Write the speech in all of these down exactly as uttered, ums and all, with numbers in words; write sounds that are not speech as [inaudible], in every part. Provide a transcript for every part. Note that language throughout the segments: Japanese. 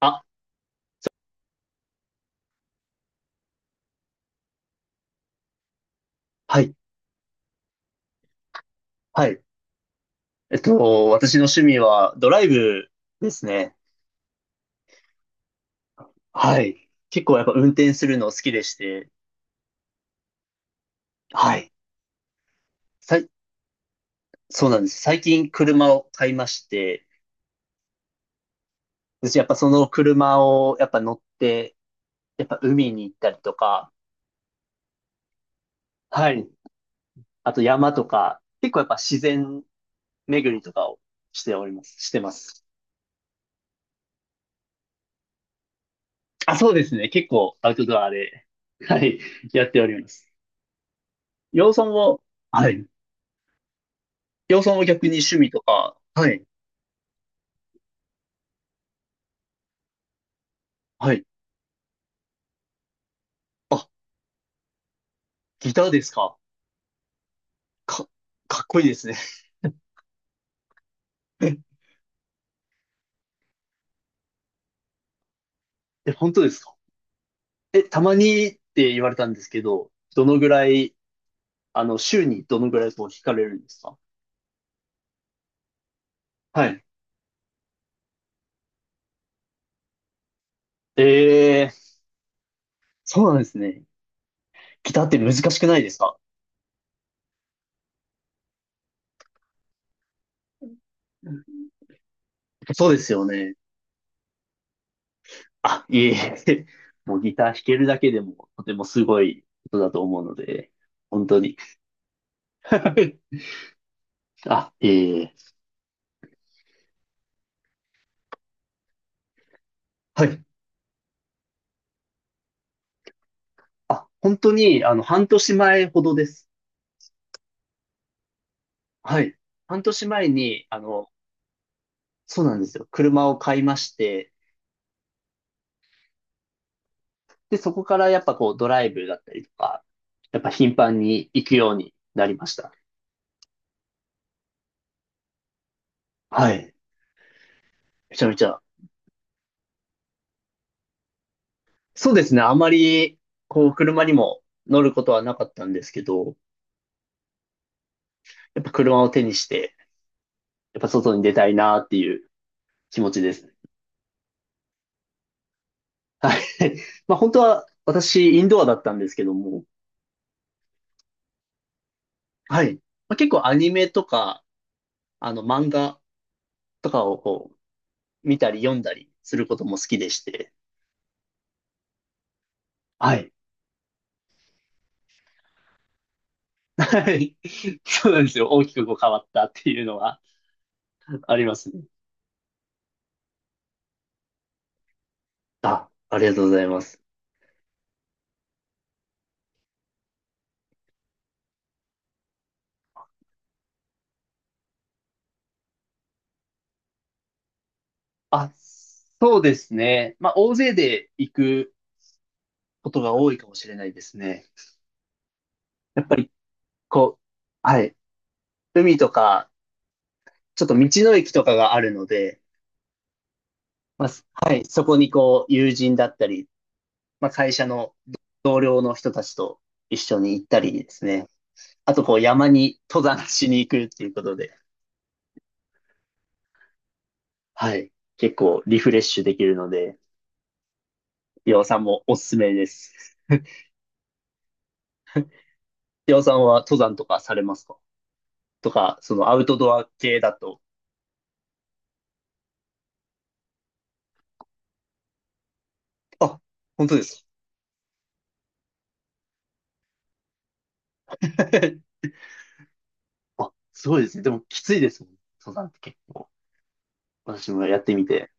あ、はい、はい。えっと、私の趣味はドライブですね。はい。結構やっぱ運転するの好きでして、はい。さい、そうなんです。最近車を買いまして、私やっぱその車をやっぱ乗って、やっぱ海に行ったりとか、はい。あと山とか、結構やっぱ自然巡りとかをしております。してます。あ、そうですね。結構アウトドアで、はい、やっております。洋さんは、はい。岩尾さんは逆に趣味とか、はい。はい。あ、ギターですか。か、かっこいいですね。[laughs] え、本当ですか。え、たまにって言われたんですけど、どのぐらい、あの、週にどのぐらいこう弾かれるんですか？はい。えー、そうなんですね。ギターって難しくないですか？そうですよね。あ、いえいえ。[laughs] もうギター弾けるだけでも、とてもすごいことだと思うので、本当に。[laughs] あ、ええはい。あ、本当に、あの、半年前ほどです。はい。半年前に、あの、そうなんですよ。車を買いまして、で、そこからやっぱこうドライブだったりとか、やっぱ頻繁に行くようになりました。はい。めちゃめちゃ。そうですね。あまり、こう、車にも乗ることはなかったんですけど、やっぱ車を手にして、やっぱ外に出たいなっていう気持ちですね。はい。[laughs] まあ本当は私、インドアだったんですけども、はい。まあ、結構アニメとか、あの漫画とかをこ見たり読んだりすることも好きでして。はい。はい。[laughs] そうなんですよ。大きくこう変わったっていうのはありますね。あ、ありがとうございます。あ、そうですね。まあ、大勢で行くことが多いかもしれないですね。やっぱり、こう、はい。海とか、ちょっと道の駅とかがあるので、まあ、すはい。そこにこう、友人だったり、まあ、会社の同僚の人たちと一緒に行ったりですね。あと、こう、山に登山しに行くっていうことで、はい。結構リフレッシュできるので、岩尾さんもおすすめです。岩尾さんは登山とかされますか？とか、そのアウトドア系だと。あ、本当ですか。[laughs] あ、すごいですね。でもきついですもん。登山って結構。私もやってみて。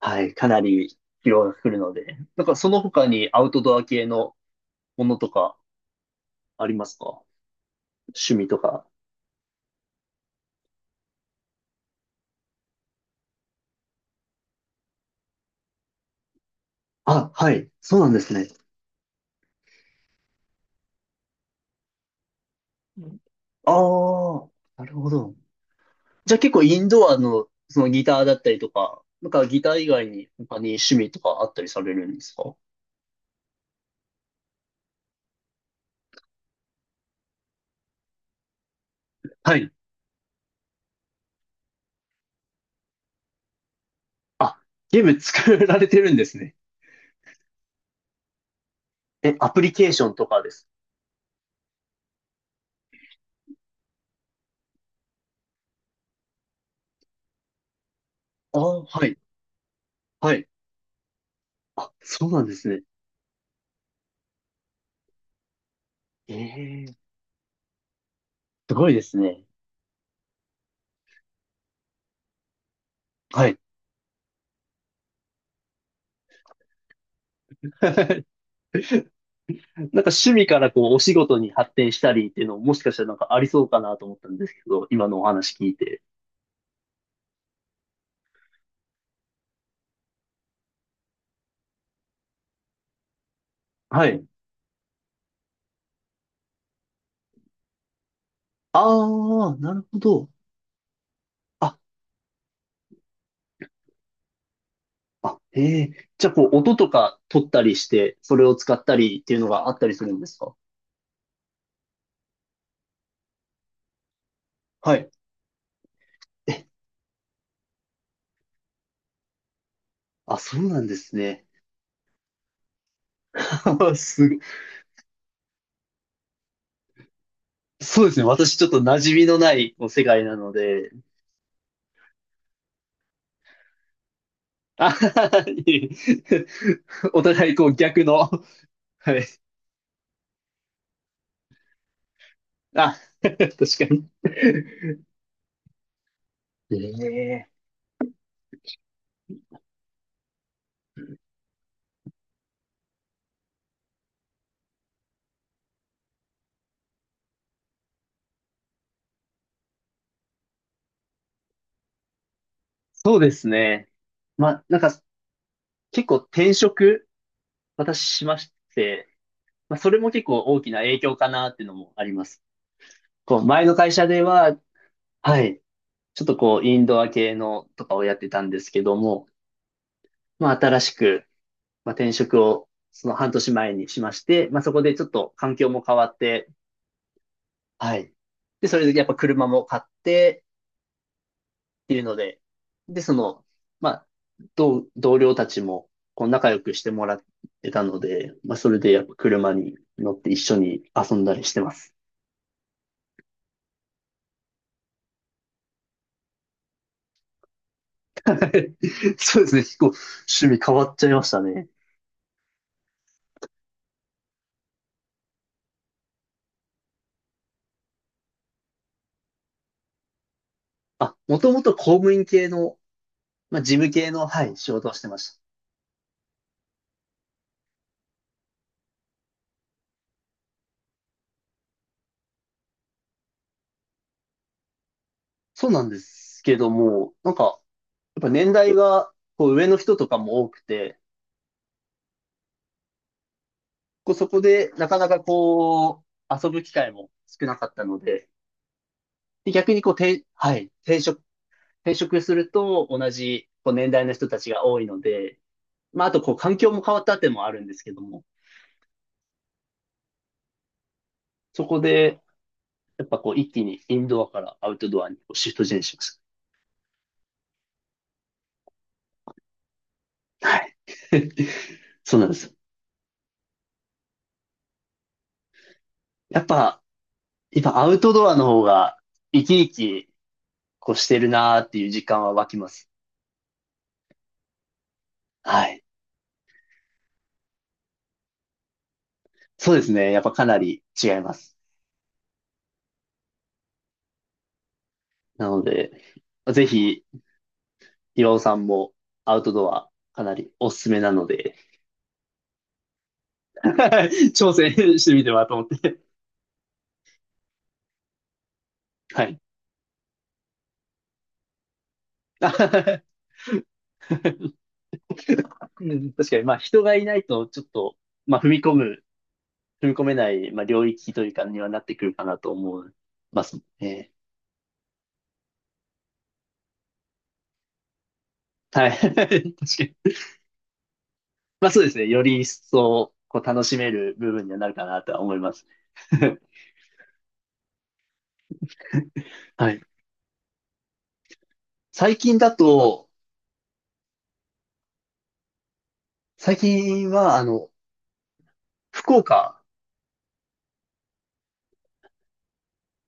はい。かなり疲労が来るので。なんかその他にアウトドア系のものとかありますか？趣味とか。あ、はい。そうなんですね。ああ、なるほど。じゃあ結構インドアの、そのギターだったりとか、なんかギター以外に他に趣味とかあったりされるんですか？はい。あ、ゲーム作られてるんですね。え、アプリケーションとかです。ああ、はい、はい。あ、そうなんですね。ええすごいですね。はい。[laughs] なんか趣味からこうお仕事に発展したりっていうのももしかしたらなんかありそうかなと思ったんですけど、今のお話聞いて。はい。ああ、なるほど。ああ、へえ。じゃあ、こう、音とか取ったりして、それを使ったりっていうのがあったりするんですか？はい。え、あ、そうなんですね。[laughs] すご、そうですね。私、ちょっと馴染みのないこう世界なので。あははいえ [laughs] お互い、こう、逆の。はい。あ、[laughs] 確かに。ええ。そうですね。まあ、なんか、結構転職、私しまして、まあ、それも結構大きな影響かなっていうのもあります。こう、前の会社では、はい。ちょっとこう、インドア系のとかをやってたんですけども、まあ、新しく、まあ、転職をその半年前にしまして、まあ、そこでちょっと環境も変わって、はい。で、それでやっぱ車も買ってっていうので、で、その、まあ、同、同僚たちも、こう、仲良くしてもらってたので、まあ、それでやっぱ車に乗って一緒に遊んだりしてます。[laughs] そうですね。結構趣味変わっちゃいましたね。あ、もともと公務員系のまあ、事務系の、はい、仕事をしてました。そうなんですけども、なんか、やっぱ年代が、こう、上の人とかも多くて、こう、そこで、なかなかこう、遊ぶ機会も少なかったので、で逆にこう、転はい、転職、転職すると、同じ、こう、年代の人たちが多いので、まあ、あと、こう、環境も変わったっていうのもあるんですけども、そこで、やっぱこう、一気にインドアからアウトドアにこうシフトチェンジしました。はい。[laughs] そうなんです。やっぱ、やっぱアウトドアの方が生き生きこうしてるなーっていう実感は湧きます。はい。そうですね。やっぱかなり違います。なので、ぜひ、岩尾さんもアウトドアかなりおすすめなので、[laughs] 挑戦してみてはと思って。はい。[laughs] うん確かに、まあ人がいないとちょっと、まあ踏み込む、踏み込めない、まあ領域というかにはなってくるかなと思いますね。はい。[laughs] 確かに。まあそうですね。より一層、こう、楽しめる部分にはなるかなとは思います。[laughs] はい。最近だと、最近は、あの、福岡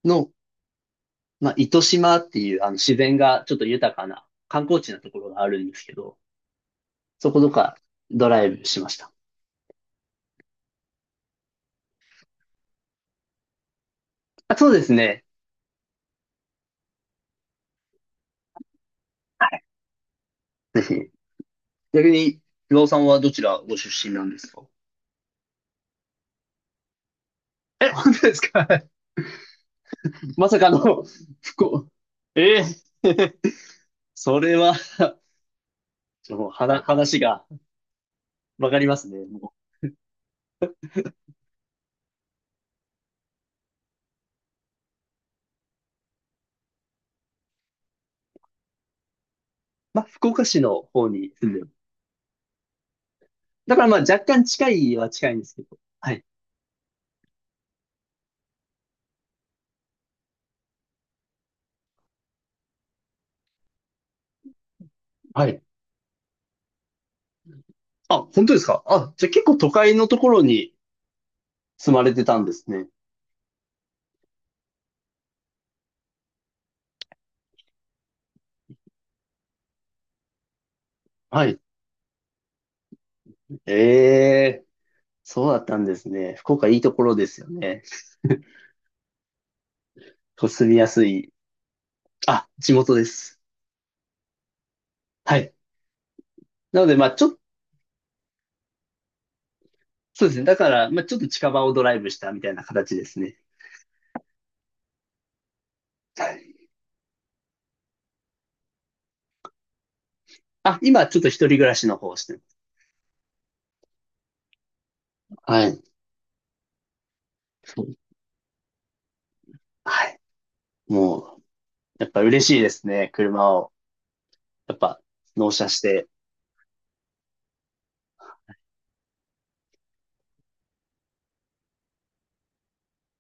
の、まあ、糸島っていう、あの、自然がちょっと豊かな観光地なところがあるんですけど、そことかドライブしました。あ、そうですね。ぜひ。逆に、岩尾さんはどちらご出身なんですか？え、本当ですか？ [laughs] まさかの、福岡。えーそれは [laughs] ちょっともう話話がわかりますね。まあ、福岡市の方に住んでる。だからまあ若干近いは近いんですけど。はい。はい。あ、本当ですかあ、じゃあ結構都会のところに住まれてたんですね。はい。ええ、そうだったんですね。福岡いいところですよね。こう住みやすい。あ、地元です。はい。なのでまあちょっと、そうですね。だから、まあちょっと近場をドライブしたみたいな形ですね。はい。あ、今ちょっと一人暮らしの方をしてます。はい。そうはい。もう、やっぱ嬉しいですね。車を、やっぱ納車して。